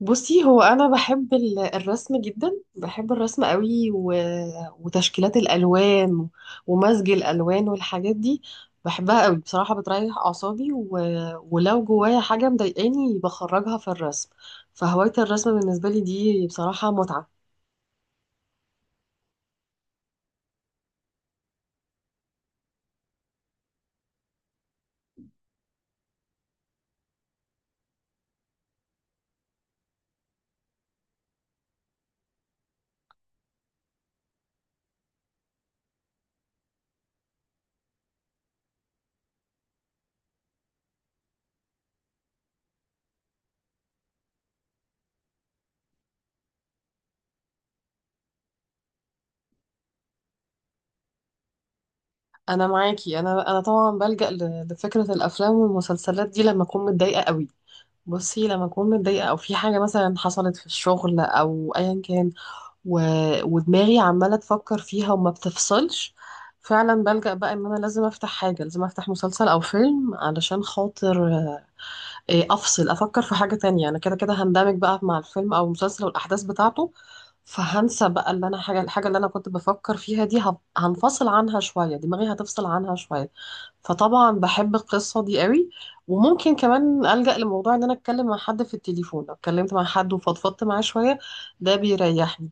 بصي، هو انا بحب الرسم جدا، بحب الرسم قوي وتشكيلات الالوان، ومزج الالوان والحاجات دي، بحبها قوي بصراحه، بتريح اعصابي. ولو جوايا حاجه مضايقاني بخرجها في الرسم، فهوايه الرسم بالنسبه لي دي بصراحه متعه. انا معاكي، انا طبعا بلجأ لفكره الافلام والمسلسلات دي لما اكون متضايقه قوي. بصي، لما اكون متضايقه او في حاجه مثلا حصلت في الشغل او ايا كان، و... ودماغي عمالة تفكر فيها وما بتفصلش، فعلا بلجأ بقى ان انا لازم افتح حاجة، لازم افتح مسلسل او فيلم علشان خاطر آه، إيه، افصل، افكر في حاجة تانية. انا كده كده هندمج بقى مع الفيلم او المسلسل والاحداث بتاعته، فهنسى بقى اللي انا حاجة، الحاجة اللي انا كنت بفكر فيها دي هنفصل عنها شوية، دماغي هتفصل عنها شوية. فطبعا بحب القصة دي قوي. وممكن كمان ألجأ لموضوع ان انا اتكلم مع حد في التليفون، لو اتكلمت مع حد وفضفضت معاه شوية ده بيريحني.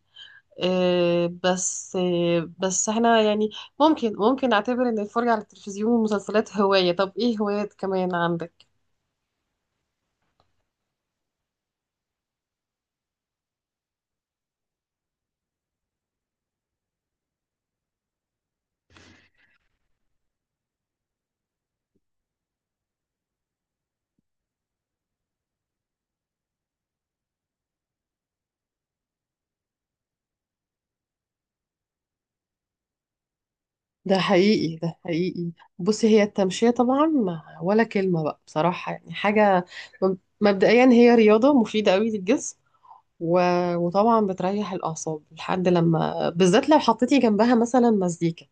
بس احنا يعني ممكن نعتبر ان الفرجة على التلفزيون والمسلسلات هواية. طب ايه هوايات كمان عندك؟ ده حقيقي، ده حقيقي. بصي، هي التمشية طبعا ولا كلمة بقى بصراحة، يعني حاجة. مبدئيا، هي رياضة مفيدة قوي للجسم، و... وطبعا بتريح الأعصاب، لحد لما، بالذات لو حطيتي جنبها مثلا مزيكا.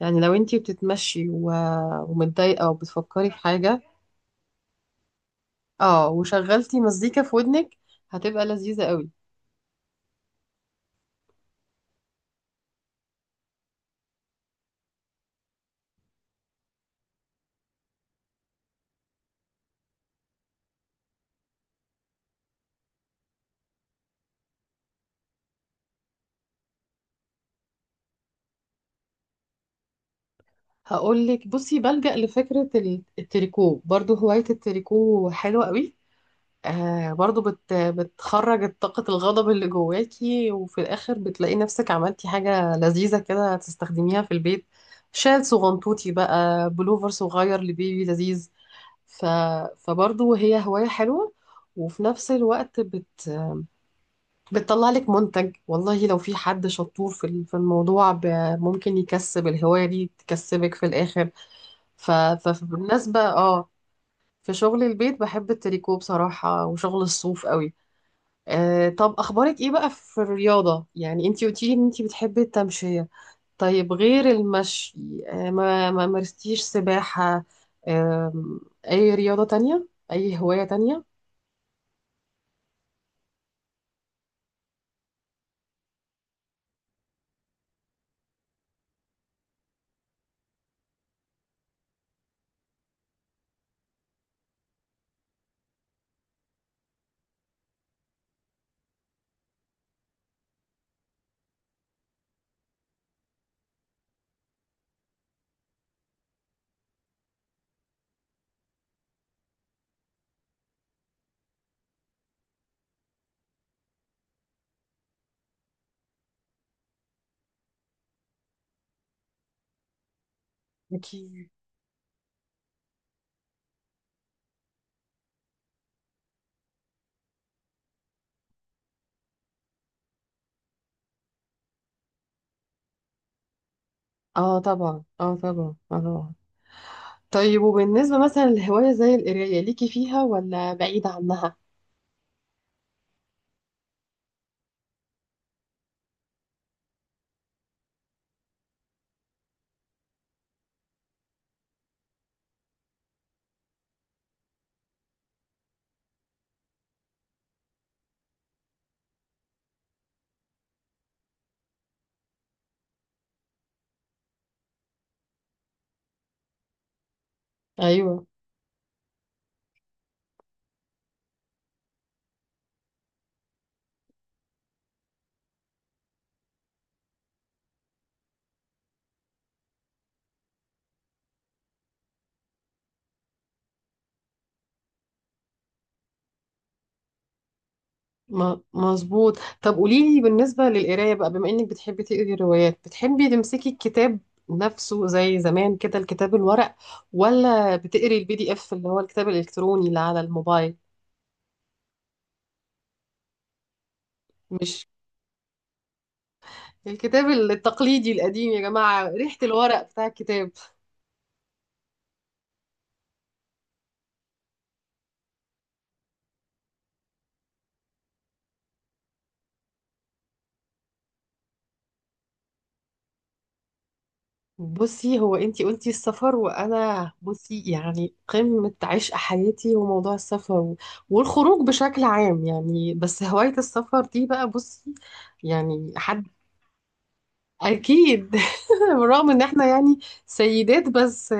يعني لو انتي بتتمشي ومتضايقة وبتفكري في حاجة، اه، وشغلتي مزيكا في ودنك، هتبقى لذيذة قوي. هقول لك، بصي بلجأ لفكرة التريكو، برضو هواية التريكو حلوة قوي. آه، برضو بتخرج طاقة الغضب اللي جواكي، وفي الآخر بتلاقي نفسك عملتي حاجة لذيذة كده تستخدميها في البيت، شال صغنطوطي بقى، بلوفر صغير لبيبي لذيذ. ف فبرضو هي هواية حلوة، وفي نفس الوقت بتطلع لك منتج. والله لو في حد شطور في في الموضوع، ممكن يكسب، الهواية دي تكسبك في الآخر. فبالنسبة في شغل البيت، بحب التريكو بصراحة وشغل الصوف قوي. آه، طب أخبارك إيه بقى في الرياضة؟ يعني أنتي قلتيلي إن أنتي بتحبي التمشية. طيب غير المشي، آه ما مارستيش سباحة؟ آه، أي رياضة تانية؟ أي هواية تانية؟ أكيد. اه، طبعا. اه، طبعا. اه، طبعا. طيب، وبالنسبة مثلا لهواية زي القراية، ليكي فيها ولا بعيدة عنها؟ أيوه. مظبوط. طب قولي لي بالنسبة للقراية بقى، بما انك بتحبي تقري روايات، بتحبي تمسكي الكتاب نفسه زي زمان كده، الكتاب الورق؟ ولا بتقري البي دي اف اللي هو الكتاب الالكتروني اللي على الموبايل؟ مش الكتاب التقليدي القديم يا جماعة، ريحة الورق بتاع الكتاب. بصي، هو انتي قلتي السفر، وانا بصي يعني قمة عشق حياتي وموضوع السفر والخروج بشكل عام. يعني بس هواية السفر دي بقى، بصي يعني حد، اكيد بالرغم ان احنا يعني سيدات، بس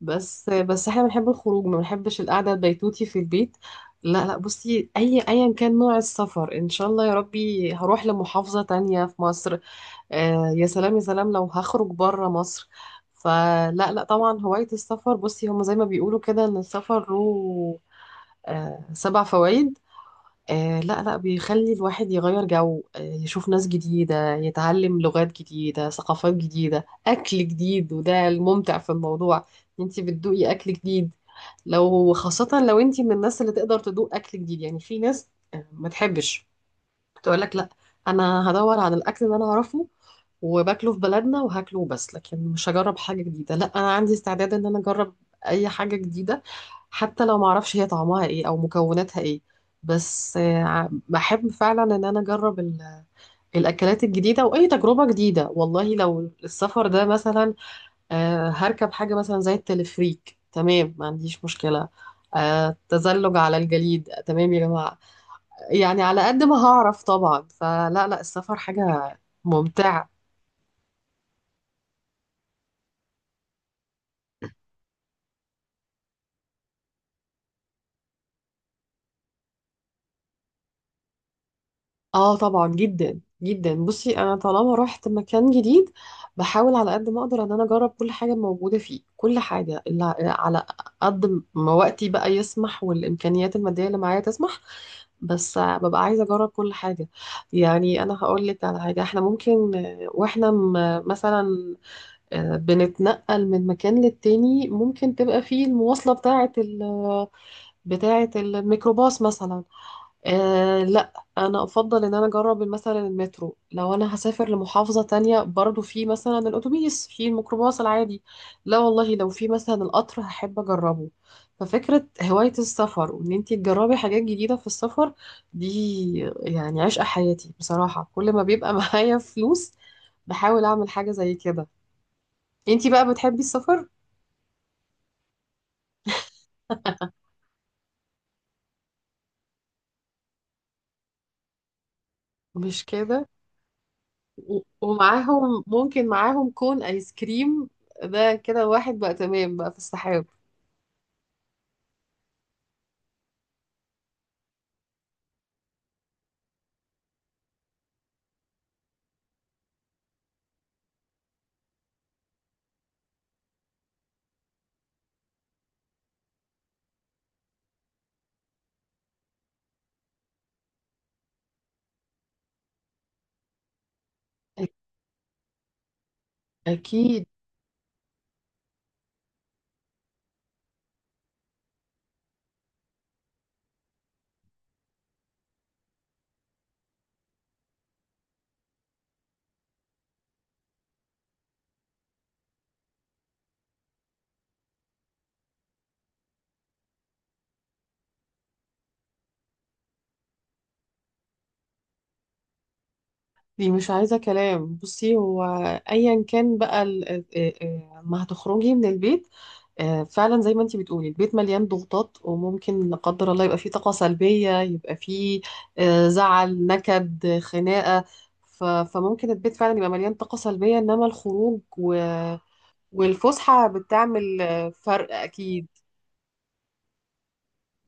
بس بس احنا بنحب الخروج، ما بنحبش القعده البيتوتي في البيت. لا لا، بصي ايا كان نوع السفر، ان شاء الله يا ربي هروح لمحافظه تانية في مصر. آه، يا سلام يا سلام لو هخرج بره مصر. فلا لا، طبعا هوايه السفر، بصي هم زي ما بيقولوا كده ان السفر له آه، سبع فوائد. آه، لا لا، بيخلي الواحد يغير جو، آه، يشوف ناس جديدة، يتعلم لغات جديدة، ثقافات جديدة، أكل جديد. وده الممتع في الموضوع، انتي بتدوقي أكل جديد. لو خاصة لو انتي من الناس اللي تقدر تدوق أكل جديد، يعني في ناس ما تحبش، تقول لك لا، انا هدور على الاكل اللي انا اعرفه وباكله في بلدنا وهاكله بس، لكن مش هجرب حاجه جديده. لا، انا عندي استعداد ان انا اجرب اي حاجه جديده، حتى لو ما اعرفش هي طعمها ايه او مكوناتها ايه. بس بحب فعلا ان انا اجرب الاكلات الجديده واي تجربه جديده. والله لو السفر ده مثلا، هركب حاجه مثلا زي التلفريك، تمام ما عنديش مشكله. تزلج على الجليد، تمام يا جماعه. يعني على قد ما هعرف طبعا. فلا لا، السفر حاجة ممتعة. اه طبعا، جدا جدا. بصي، انا طالما رحت مكان جديد، بحاول على قد ما اقدر ان انا اجرب كل حاجة موجودة فيه، كل حاجة اللي على قد ما وقتي بقى يسمح والامكانيات المادية اللي معايا تسمح. بس ببقى عايزة اجرب كل حاجة. يعني انا هقول لك على حاجة، احنا ممكن واحنا مثلا بنتنقل من مكان للتاني، ممكن تبقى فيه المواصلة بتاعة، بتاعة الميكروباص مثلا. آه، لا، انا افضل ان انا اجرب مثلا المترو، لو انا هسافر لمحافظة تانية برضو، في مثلا الاتوبيس، في الميكروباص العادي. لا والله، لو في مثلا القطر هحب اجربه. ففكرة هواية السفر وان انتي تجربي حاجات جديدة في السفر دي يعني عشق حياتي بصراحة. كل ما بيبقى معايا فلوس بحاول اعمل حاجة زي كده. انتي بقى بتحبي السفر؟ مش كده؟ ومعاهم ممكن، معاهم كون ايس كريم، ده كده واحد بقى تمام بقى في السحاب. أ- اكيد، دي مش عايزه كلام. بصي، هو ايا كان بقى ما هتخرجي من البيت، فعلا زي ما انتي بتقولي، البيت مليان ضغوطات، وممكن لا قدر الله يبقى فيه طاقه سلبيه، يبقى فيه زعل، نكد، خناقه. فممكن البيت فعلا يبقى مليان طاقه سلبيه، انما الخروج والفسحه بتعمل فرق اكيد.